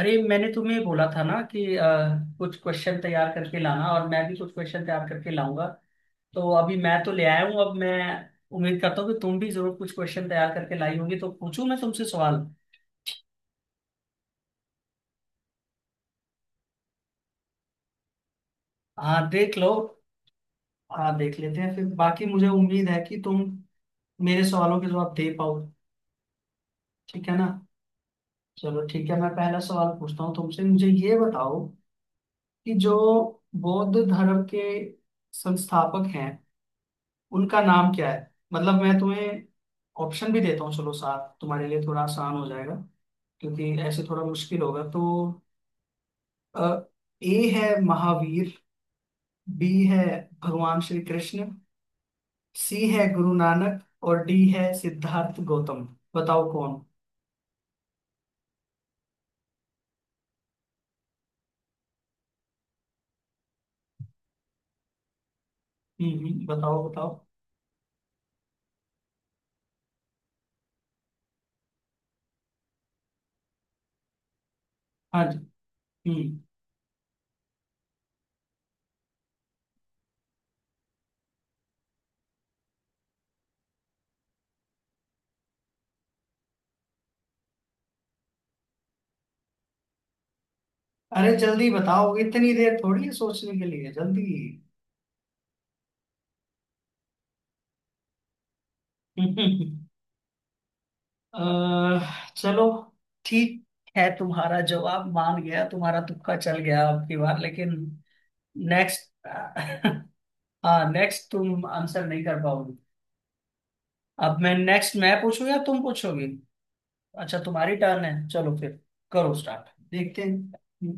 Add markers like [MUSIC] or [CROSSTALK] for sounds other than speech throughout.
अरे मैंने तुम्हें बोला था ना कि कुछ क्वेश्चन तैयार करके लाना, और मैं भी कुछ क्वेश्चन तैयार करके लाऊंगा। तो अभी मैं तो ले आया हूँ। अब मैं उम्मीद करता हूँ कि तुम भी जरूर कुछ क्वेश्चन तैयार करके लाई होगी, तो पूछूं मैं तुमसे सवाल। हाँ, देख लो। हाँ, देख लेते हैं फिर। बाकी मुझे उम्मीद है कि तुम मेरे सवालों के जवाब दे पाओ। ठीक है ना। चलो ठीक है, मैं पहला सवाल पूछता हूँ तुमसे। मुझे ये बताओ कि जो बौद्ध धर्म के संस्थापक हैं, उनका नाम क्या है। मतलब मैं तुम्हें ऑप्शन भी देता हूँ, चलो साथ, तुम्हारे लिए थोड़ा आसान हो जाएगा, क्योंकि ऐसे थोड़ा मुश्किल होगा तो। ए है महावीर, बी है भगवान श्री कृष्ण, सी है गुरु नानक, और डी है सिद्धार्थ गौतम। बताओ कौन। बताओ बताओ। हाँ जी। हम्म। अरे जल्दी बताओ, इतनी देर थोड़ी है सोचने के लिए, जल्दी। [LAUGHS] चलो ठीक है, तुम्हारा जवाब मान गया। तुम्हारा तुक्का चल गया, आपकी बार लेकिन। नेक्स्ट। [LAUGHS] हाँ, नेक्स्ट तुम आंसर नहीं कर पाओगी। अब मैं नेक्स्ट, मैं पूछूं या तुम पूछोगी। अच्छा, तुम्हारी टर्न है, चलो फिर। करो स्टार्ट, देखते हैं।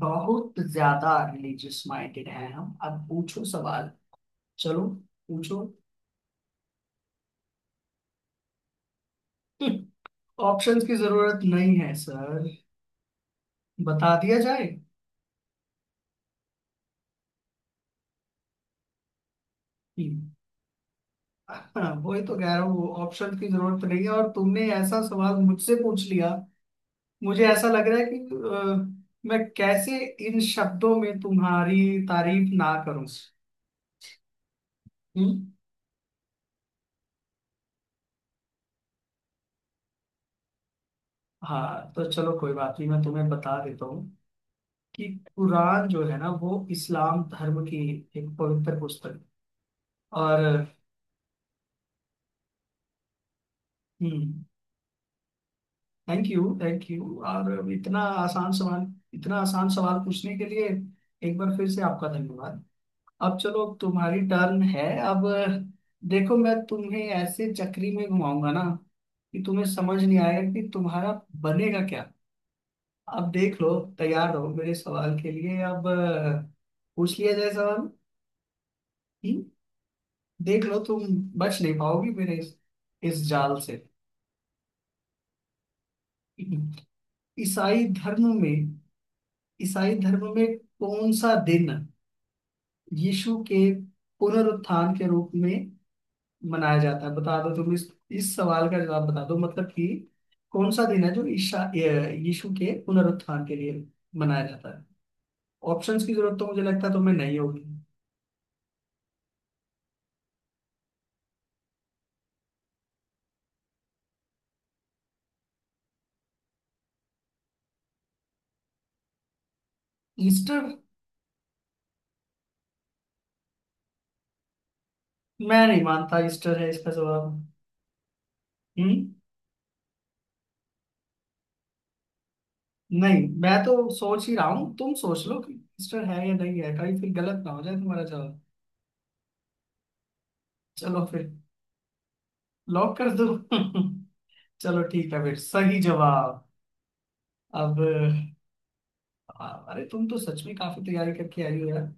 बहुत ज्यादा रिलीजियस माइंडेड हैं हम। अब पूछो सवाल। चलो पूछो। [LAUGHS] ऑप्शंस की जरूरत नहीं है सर, बता दिया जाए। हाँ, वही तो कह रहा हूँ वो ऑप्शन की जरूरत नहीं है, और तुमने ऐसा सवाल मुझसे पूछ लिया। मुझे ऐसा लग रहा है कि मैं कैसे इन शब्दों में तुम्हारी तारीफ ना करूं। हम्म? हाँ तो चलो, कोई बात नहीं, मैं तुम्हें बता देता हूँ कि कुरान जो है ना, वो इस्लाम धर्म की एक पवित्र पुस्तक है। और। हम्म। थैंक यू थैंक यू, और इतना आसान सवाल। इतना आसान सवाल पूछने के लिए एक बार फिर से आपका धन्यवाद। अब चलो, तुम्हारी टर्न है। अब देखो, मैं तुम्हें ऐसे चक्री में घुमाऊंगा ना कि तुम्हें समझ नहीं आएगा कि तुम्हारा बनेगा क्या। अब देख लो। तैयार रहो मेरे सवाल के लिए। अब पूछ लिया जाए सवाल। हम्म, देख लो तुम बच नहीं पाओगी मेरे इस जाल से। ईसाई धर्म में ईसाई धर्म में कौन सा दिन यीशु के पुनरुत्थान के रूप में मनाया जाता है। बता दो तुम इस सवाल का जवाब, बता दो। मतलब कि कौन सा दिन है जो यीशु के पुनरुत्थान के लिए मनाया जाता है। ऑप्शंस की जरूरत तो मुझे लगता है तुम्हें नहीं होगी। ईस्टर। मैं नहीं मानता ईस्टर है इसका जवाब। हम्म। नहीं, मैं तो सोच ही रहा हूँ, तुम सोच लो कि ईस्टर है या नहीं है, कहीं फिर गलत ना हो जाए तुम्हारा जवाब। चलो फिर। लॉक कर दो। [LAUGHS] चलो ठीक है फिर, सही जवाब। अब। अरे तुम तो सच में काफी तैयारी करके आई हो यार।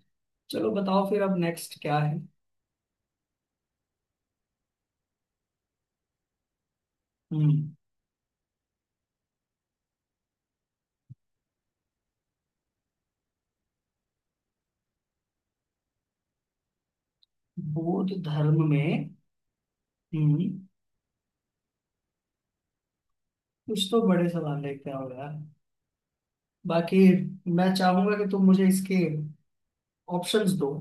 चलो बताओ फिर, अब नेक्स्ट क्या है। हम्म बौद्ध धर्म में। हम्म कुछ तो बड़े सवाल लेके आओ यार। बाकी मैं चाहूंगा कि तुम मुझे इसके ऑप्शंस दो।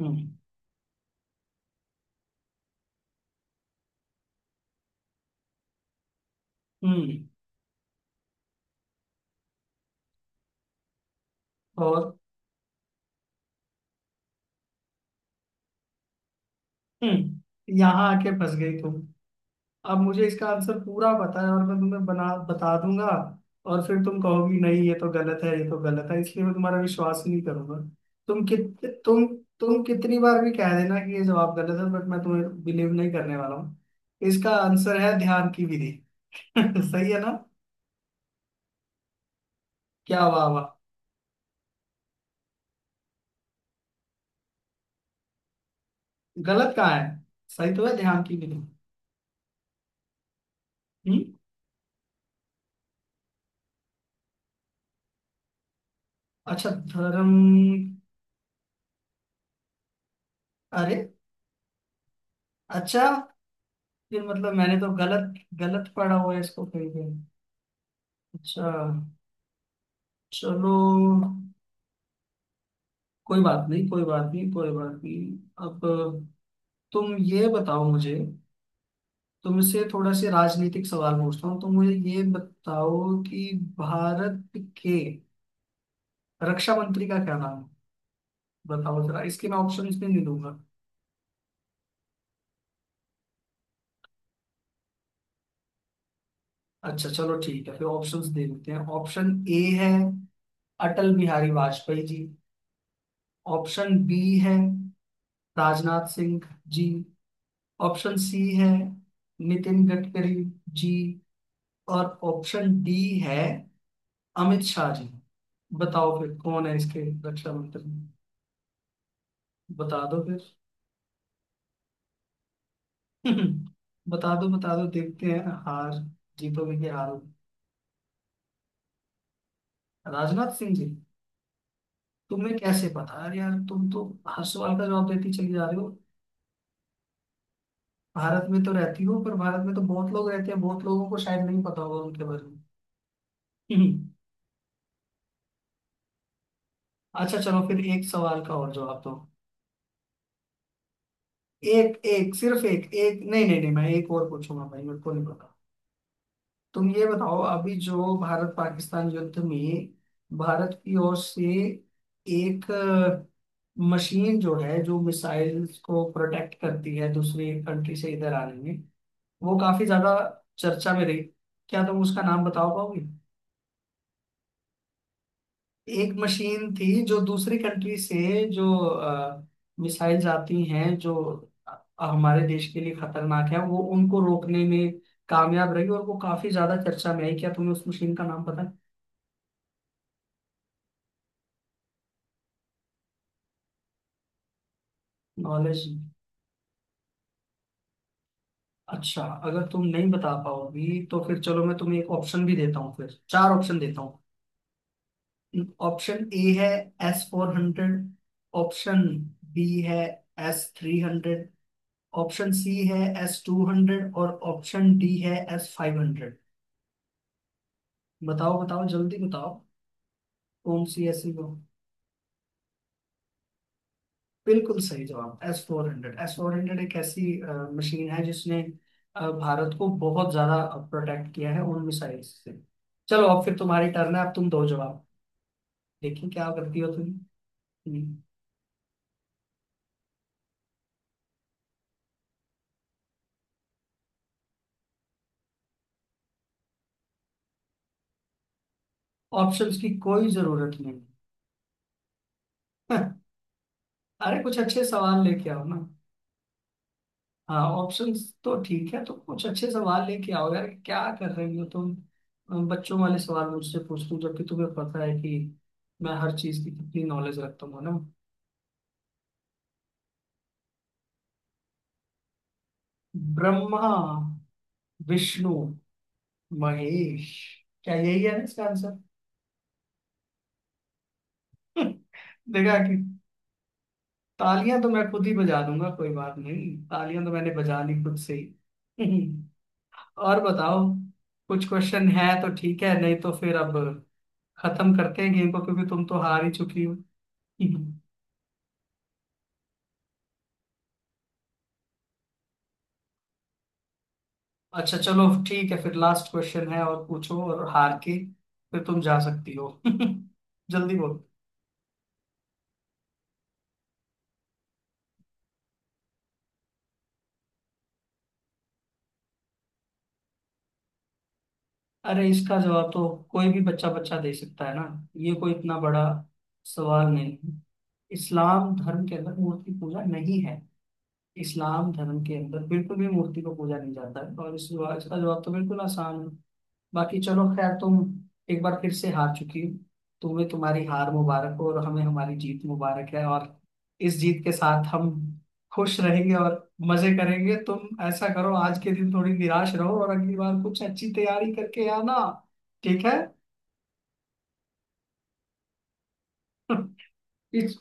हम्म। हम्म। और। यहाँ आके फंस गई तुम। अब मुझे इसका आंसर पूरा पता है, और मैं तुम्हें बना बता दूंगा। और फिर तुम कहोगी नहीं, ये तो गलत है, ये तो गलत है, इसलिए मैं तुम्हारा विश्वास ही नहीं करूंगा। तुम कित तुम तुम कितनी बार भी कह देना कि ये जवाब गलत है, बट मैं तुम्हें बिलीव नहीं करने वाला हूँ। इसका आंसर है ध्यान की विधि। [LAUGHS] सही है ना? क्या वाह वाह। गलत कहाँ है? सही तो है, ध्यान की विधि। हम्म। अच्छा धर्म। अरे अच्छा, ये मतलब मैंने तो गलत, गलत पढ़ा हुआ है इसको कहीं पे। अच्छा चलो, कोई बात नहीं, कोई बात नहीं, कोई बात नहीं। अब तुम ये बताओ मुझे, तुमसे थोड़ा से राजनीतिक सवाल पूछता हूँ। तुम मुझे ये बताओ कि भारत के रक्षा मंत्री का क्या नाम है। बताओ जरा, इसके मैं ऑप्शंस भी नहीं दूंगा। अच्छा चलो ठीक है फिर, ऑप्शंस दे देते हैं। ऑप्शन ए है अटल बिहारी वाजपेयी जी, ऑप्शन बी है राजनाथ सिंह जी, ऑप्शन सी है नितिन गडकरी जी, और ऑप्शन डी है अमित शाह जी। बताओ फिर कौन है इसके रक्षा मंत्री। बता दो फिर। [LAUGHS] बता दो बता दो, देखते हैं हार जीतोगे कि हारोगे। राजनाथ सिंह जी। तुम्हें कैसे पता? अरे यार, तुम तो हर सवाल का जवाब देती चली जा रही हो। भारत में तो रहती हो, पर भारत में तो बहुत लोग रहते हैं, बहुत लोगों को शायद नहीं पता होगा उनके बारे में। [LAUGHS] हम्म, अच्छा चलो फिर, एक सवाल का और जवाब दो। एक एक सिर्फ एक एक, नहीं नहीं नहीं, मैं एक और पूछूंगा भाई, मेरे को नहीं पता। तुम ये बताओ, अभी जो भारत पाकिस्तान युद्ध में भारत की ओर से एक मशीन जो है, जो मिसाइल्स को प्रोटेक्ट करती है दूसरी कंट्री से इधर आने में, वो काफी ज्यादा चर्चा में रही, क्या तुम उसका नाम बताओ पाओगे? एक मशीन थी जो दूसरी कंट्री से, जो मिसाइल्स आती हैं जो हमारे देश के लिए खतरनाक है, वो उनको रोकने में कामयाब रही, और वो काफी ज्यादा चर्चा में आई। क्या तुम्हें उस मशीन का नाम पता है? नॉलेज। अच्छा, अगर तुम नहीं बता पाओगी तो फिर चलो, मैं तुम्हें एक ऑप्शन भी देता हूँ, फिर चार ऑप्शन देता हूँ। ऑप्शन ए है S-400। ऑप्शन बी है S-300। ऑप्शन सी है S-200, और ऑप्शन डी है S-500। बताओ बताओ जल्दी बताओ। कौन सी ऐसी हो? बिल्कुल सही जवाब, S four hundred. S four hundred एक ऐसी मशीन है जिसने भारत को बहुत ज्यादा प्रोटेक्ट किया है उन मिसाइल से। चलो अब फिर तुम्हारी टर्न है। अब तुम दो जवाब, देखिए क्या करती हो तुम। ऑप्शंस की कोई जरूरत नहीं। [LAUGHS] अरे कुछ अच्छे सवाल लेके आओ ना। हाँ, ऑप्शंस तो ठीक है, तो कुछ अच्छे सवाल लेके आओ यार, क्या कर रही हो तुम। बच्चों वाले सवाल मुझसे पूछती हूँ, जबकि तुम्हें पता है कि मैं हर चीज की कितनी नॉलेज रखता हूँ ना। ब्रह्मा, विष्णु, महेश। क्या यही है ना इसका आंसर? [LAUGHS] देखा कि? तालियां तो मैं खुद ही बजा दूंगा, कोई बात नहीं। तालियां तो मैंने बजा ली खुद से ही। [LAUGHS] और बताओ, कुछ क्वेश्चन है तो ठीक है, नहीं तो फिर अब खत्म करते हैं गेम को, क्योंकि तुम तो हार ही चुकी हो। हम्म। अच्छा चलो ठीक है फिर, लास्ट क्वेश्चन है और पूछो, और हार के फिर तुम जा सकती हो। [LAUGHS] जल्दी बोलो। अरे इसका जवाब तो कोई भी बच्चा बच्चा दे सकता है ना। ये कोई इतना बड़ा सवाल नहीं है। इस्लाम धर्म के अंदर मूर्ति पूजा नहीं है। इस्लाम धर्म के अंदर बिल्कुल भी मूर्ति को पूजा नहीं जाता है, और इस जवाब इसका जवाब तो बिल्कुल आसान है। बाकी चलो खैर, तुम एक बार फिर से हार चुकी हो। तुम्हें तुम्हारी हार मुबारक हो, और हमें हमारी जीत मुबारक है, और इस जीत के साथ हम खुश रहेंगे और मजे करेंगे। तुम ऐसा करो, आज के दिन थोड़ी निराश रहो, और अगली बार कुछ अच्छी तैयारी करके आना। ठीक है? [LAUGHS] इस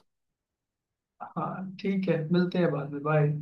हाँ ठीक है, मिलते हैं बाद में। बाय।